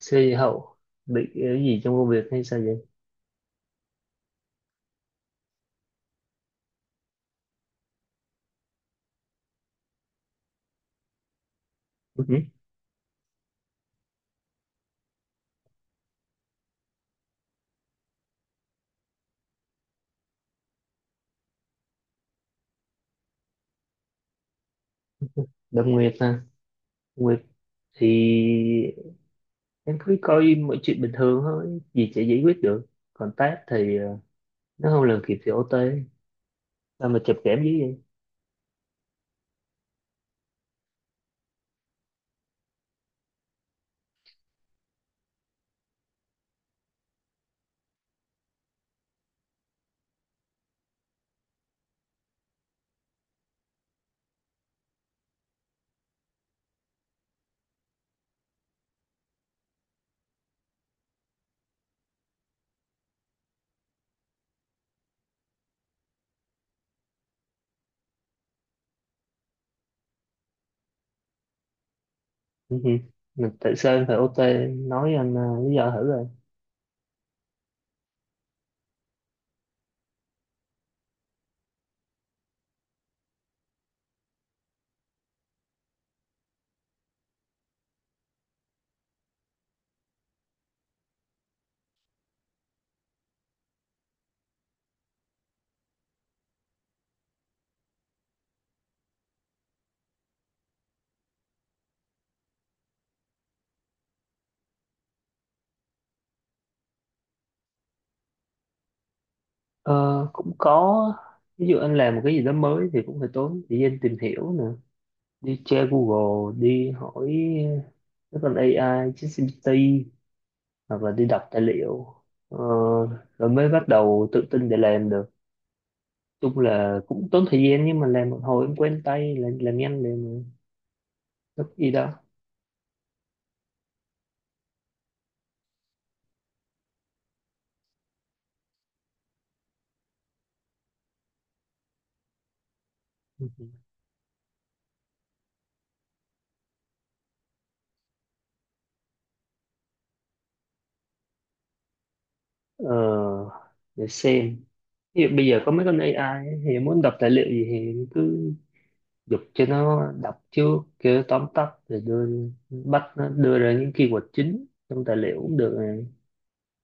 Xe hậu bị cái gì trong công việc hay sao vậy? Đâm Nguyệt ha. Nguyệt thì em cứ coi mọi chuyện bình thường thôi, gì sẽ giải quyết được. Còn Tát thì nó không làm kịp thì OT. Sao mà chụp kẽm dữ vậy? Ừ hử. Mình tại sao em phải OT? Nói anh lý do thử rồi. Ờ, cũng có, ví dụ anh làm một cái gì đó mới thì cũng phải tốn thời gian tìm hiểu nè, đi tra Google, đi hỏi các con AI ChatGPT, hoặc là đi đọc tài liệu, ờ, rồi mới bắt đầu tự tin để làm được. Chung là cũng tốn thời gian, nhưng mà làm một hồi em quen tay làm nhanh để mà rất y đó. ờ, để xem, ví dụ bây giờ có mấy con AI ấy, thì muốn đọc tài liệu gì thì cứ giục cho nó đọc trước, kêu nó tóm tắt rồi đưa, bắt nó đưa ra những keyword chính trong tài liệu cũng được này.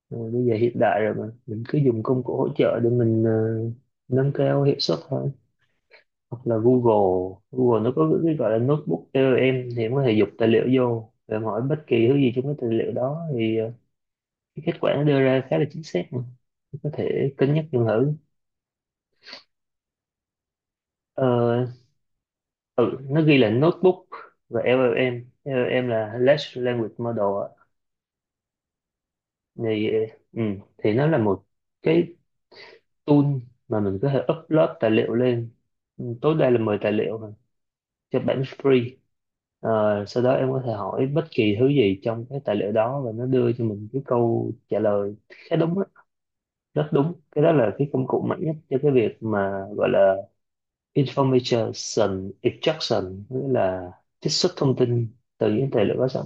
Rồi bây giờ hiện đại rồi mà mình cứ dùng công cụ hỗ trợ để mình nâng cao hiệu suất thôi. Hoặc là Google, Google nó có cái gọi là notebook cho em, thì em có thể dục tài liệu vô và em hỏi bất kỳ thứ gì trong cái tài liệu đó, thì cái kết quả nó đưa ra khá là chính xác mà. Em có thể cân nhắc dùng thử. ờ, ừ, nó ghi là notebook, và LLM LLM là Large Language Model ạ. thì ờ, ừ, thì nó là một cái tool mà mình có thể upload tài liệu lên. Ừ, tối đa là 10 tài liệu mà, cho bản free. Ờ, sau đó em có thể hỏi bất kỳ thứ gì trong cái tài liệu đó và nó đưa cho mình cái câu trả lời khá đúng á, rất đúng. Cái đó là cái công cụ mạnh nhất cho cái việc mà gọi là information extraction, nghĩa là trích xuất thông tin từ những tài liệu có sẵn.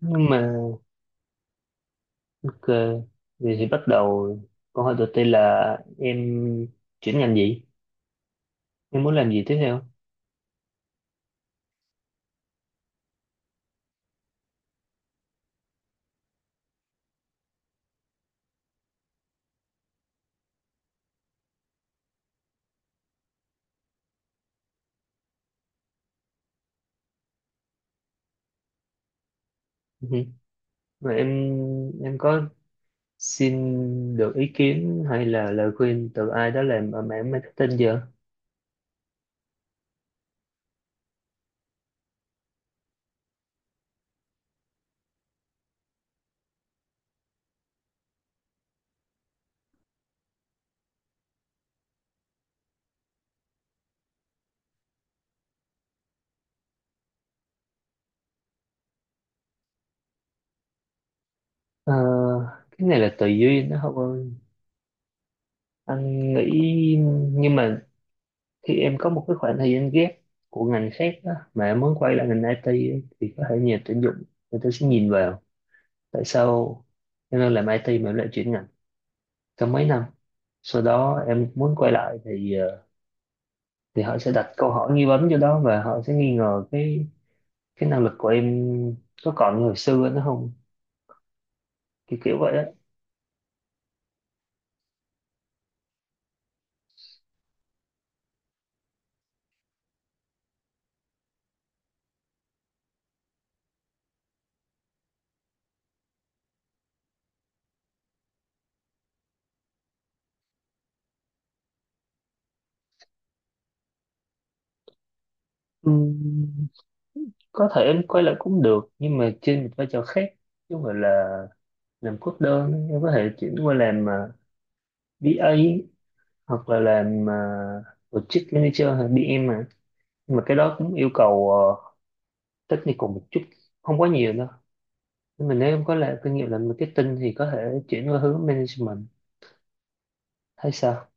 Nhưng mà ok, vậy thì bắt đầu câu hỏi đầu tiên là em chuyển ngành gì? Em muốn làm gì tiếp theo? Ừ. Và em có xin được ý kiến hay là lời khuyên từ ai đó làm ở mảng marketing giờ? Ờ, cái này là tùy duyên đó không ơi, anh nghĩ. Nhưng mà khi em có một cái khoảng thời gian ghép của ngành khác đó, mà em muốn quay lại ngành IT ấy, thì có thể nhà tuyển dụng, người ta sẽ nhìn vào tại sao em đang làm IT mà em lại chuyển ngành trong mấy năm, sau đó em muốn quay lại thì thì họ sẽ đặt câu hỏi nghi vấn cho đó và họ sẽ nghi ngờ cái năng lực của em có còn như hồi xưa nữa không, kiểu kiểu vậy đó. Ừm, có thể em quay lại cũng được, nhưng mà trên một vai trò khác, chứ không phải là làm cốt đơn. Em có thể chuyển qua làm BA, hoặc là làm project manager hay bê em mà. Nhưng mà cái đó cũng yêu cầu technical một chút, không quá nhiều đâu. Nhưng mà nếu em có là kinh nghiệm làm marketing thì có thể chuyển qua hướng management hay sao.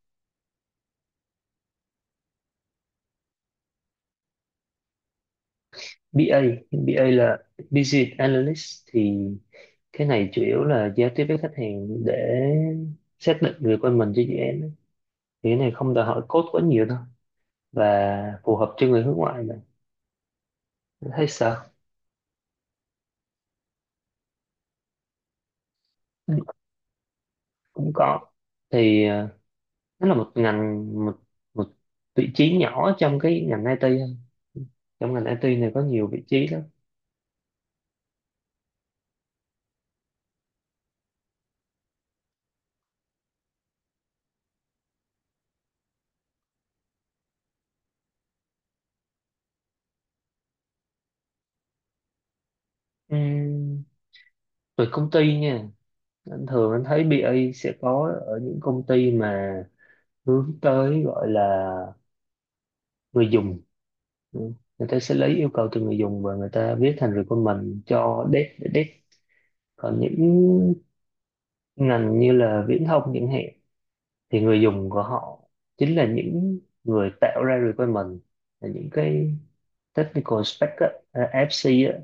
BA, BA là business analyst, thì cái này chủ yếu là giao tiếp với khách hàng để xác định người requirement cho dự án, thì cái này không đòi hỏi code quá nhiều đâu, và phù hợp cho người hướng ngoại này. Thấy sao? Ừ, cũng có. thì ờ, nó là một ngành, một một vị trí nhỏ trong cái ngành IT thôi. Trong ngành IT này có nhiều vị trí lắm. Ừm, về công ty nha, anh thường anh thấy BA sẽ có ở những công ty mà hướng tới gọi là người dùng. Ừ. Người ta sẽ lấy yêu cầu từ người dùng và người ta viết thành requirement cho dev để dev. Còn những ngành như là viễn thông chẳng hạn, thì người dùng của họ chính là những người tạo ra requirement, là những cái technical spec á, à, FC á,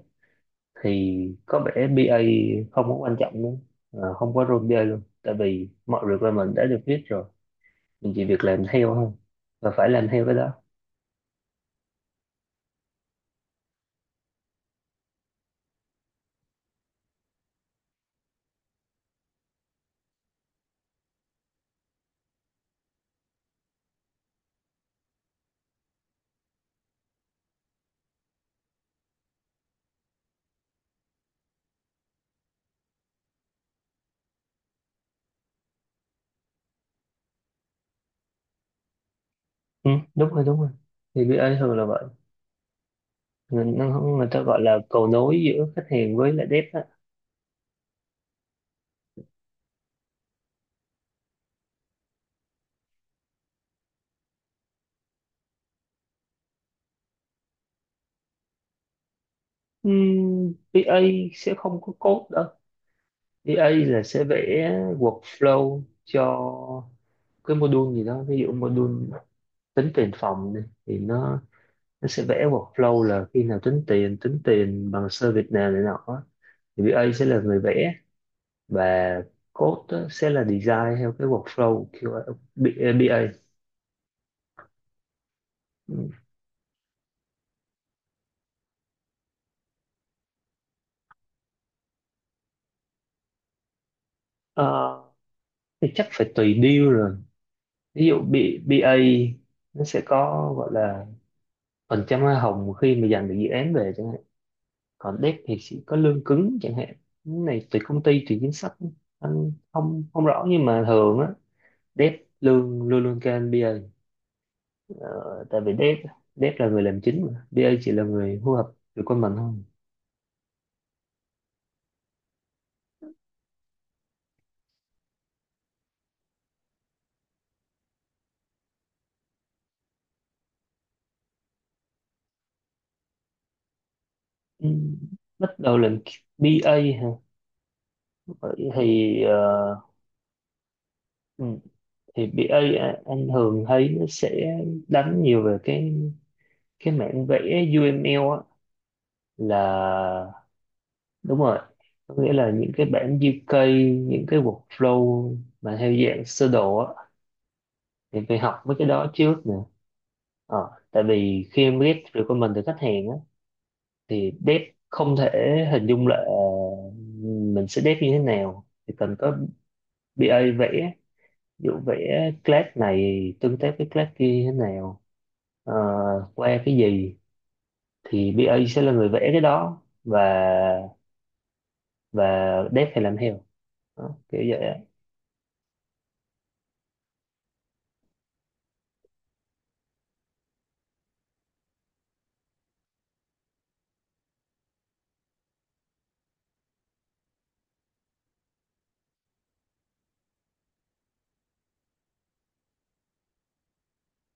thì có vẻ BA không có quan trọng nữa. Ờ, không có role BA luôn, tại vì mọi requirement đã được viết rồi, mình chỉ việc làm theo thôi, và phải làm theo cái đó. Ừ, đúng rồi, đúng rồi, thì BA thường là vậy, người, nó- người ta gọi là cầu nối giữa khách hàng với lại dev á. BA sẽ không có code đâu. BA là sẽ vẽ workflow cho cái module gì đó, ví dụ module tính tiền phòng đi, thì nó sẽ vẽ workflow là khi nào tính tiền, tính tiền bằng service nào này nọ á. Thì BA sẽ là người vẽ, và code á, sẽ là design theo cái workflow. QA, B- a. Ừ. Ờ, thì chắc phải tùy deal rồi. Ví dụ B- a nó sẽ có gọi là phần trăm hoa hồng khi mà giành được dự án về chẳng hạn, còn dev thì sẽ có lương cứng chẳng hạn. Cái này tùy công ty, tùy chính sách, anh không không rõ, nhưng mà thường á, Dev luôn luôn luôn kênh BA. Ờ, Tại vì Dev Dev là người làm chính, mà BA chỉ là người hô hợp được con mình thôi. Ừ, bắt đầu làm BA hả? Vậy thì ừ, thì BA a- á, anh thường thấy nó sẽ đánh nhiều về cái mảng vẽ UML á, là, đúng rồi, có nghĩa là những cái bản UK, những cái workflow mà theo dạng sơ đồ á, thì phải học mấy cái đó trước nè. Ờ, tại vì khi em ghép recommend từ khách hàng á, thì date không thể hình dung là mình sẽ date như thế nào, thì cần có BA vẽ, ví dụ vẽ class này tương tác với class kia như thế nào, ờ, qua cái gì, thì BA sẽ là người vẽ cái đó, và dev phải làm theo đó, kiểu vậy á.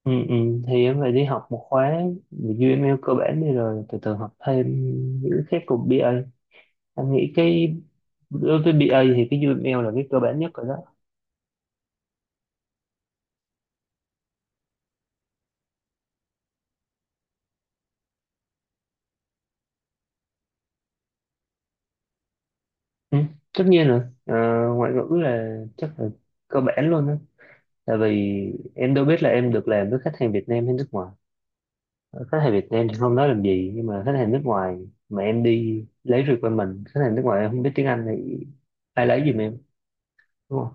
ừ, ừ. Thì em phải đi học một khóa về UML cơ bản đi, rồi từ từ học thêm những cái khác cùng BA. Anh nghĩ cái đối với BA thì cái UML là cái cơ bản nhất rồi đó. Ừ, tất nhiên rồi. Ờ, ngoại ngữ là chắc là cơ bản luôn á, tại vì em đâu biết là em được làm với khách hàng Việt Nam hay nước ngoài. Ờ, khách hàng Việt Nam thì không nói làm gì, nhưng mà khách hàng nước ngoài mà em đi lấy requirement khách hàng nước ngoài em không biết tiếng Anh thì ai lấy giùm em, đúng không?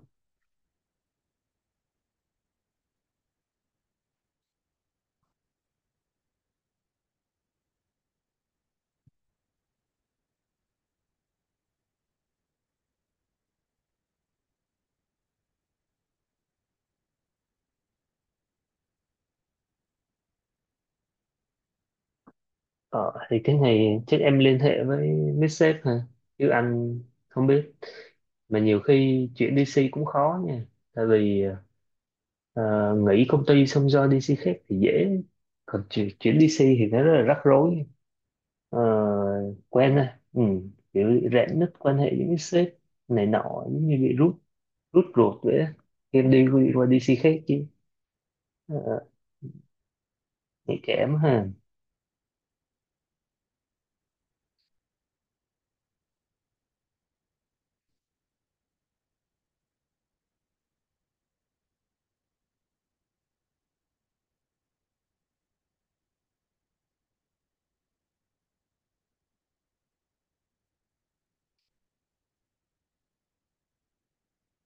Ờ, thì cái này chắc em liên hệ với sếp hả, chứ anh không biết. Mà nhiều khi chuyển DC cũng khó nha, tại vì ờ, nghỉ công ty xong do DC khác thì dễ, còn chuyển DC thì nó rất là rắc rối. ờ, Quen thôi. Ừ, kiểu rạn nứt quan hệ với những sếp này nọ, giống như bị rút rút ruột vậy á. Em đi qua DC khác chứ. ờ, ờ, Nhạy cảm ha.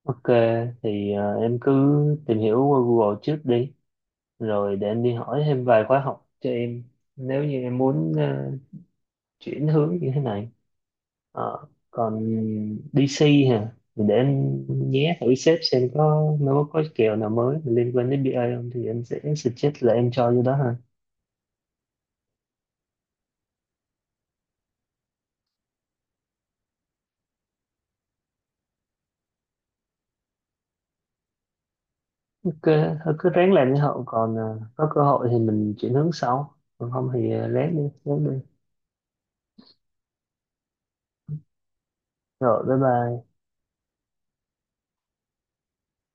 Ok, thì em cứ tìm hiểu qua Google trước đi, rồi để em đi hỏi thêm vài khóa học cho em, nếu như em muốn chuyển hướng như thế này. Ờ, còn DC hả, thì để em nhé thử sếp xem có nó có kèo nào mới liên quan đến BA không, thì em sẽ suggest là em cho vô đó ha. Cứ, thôi cứ ráng làm như hậu, còn à, có cơ hội thì mình chuyển hướng sau, còn không thì à, ráng đi ráng đi. Rồi, bye bye.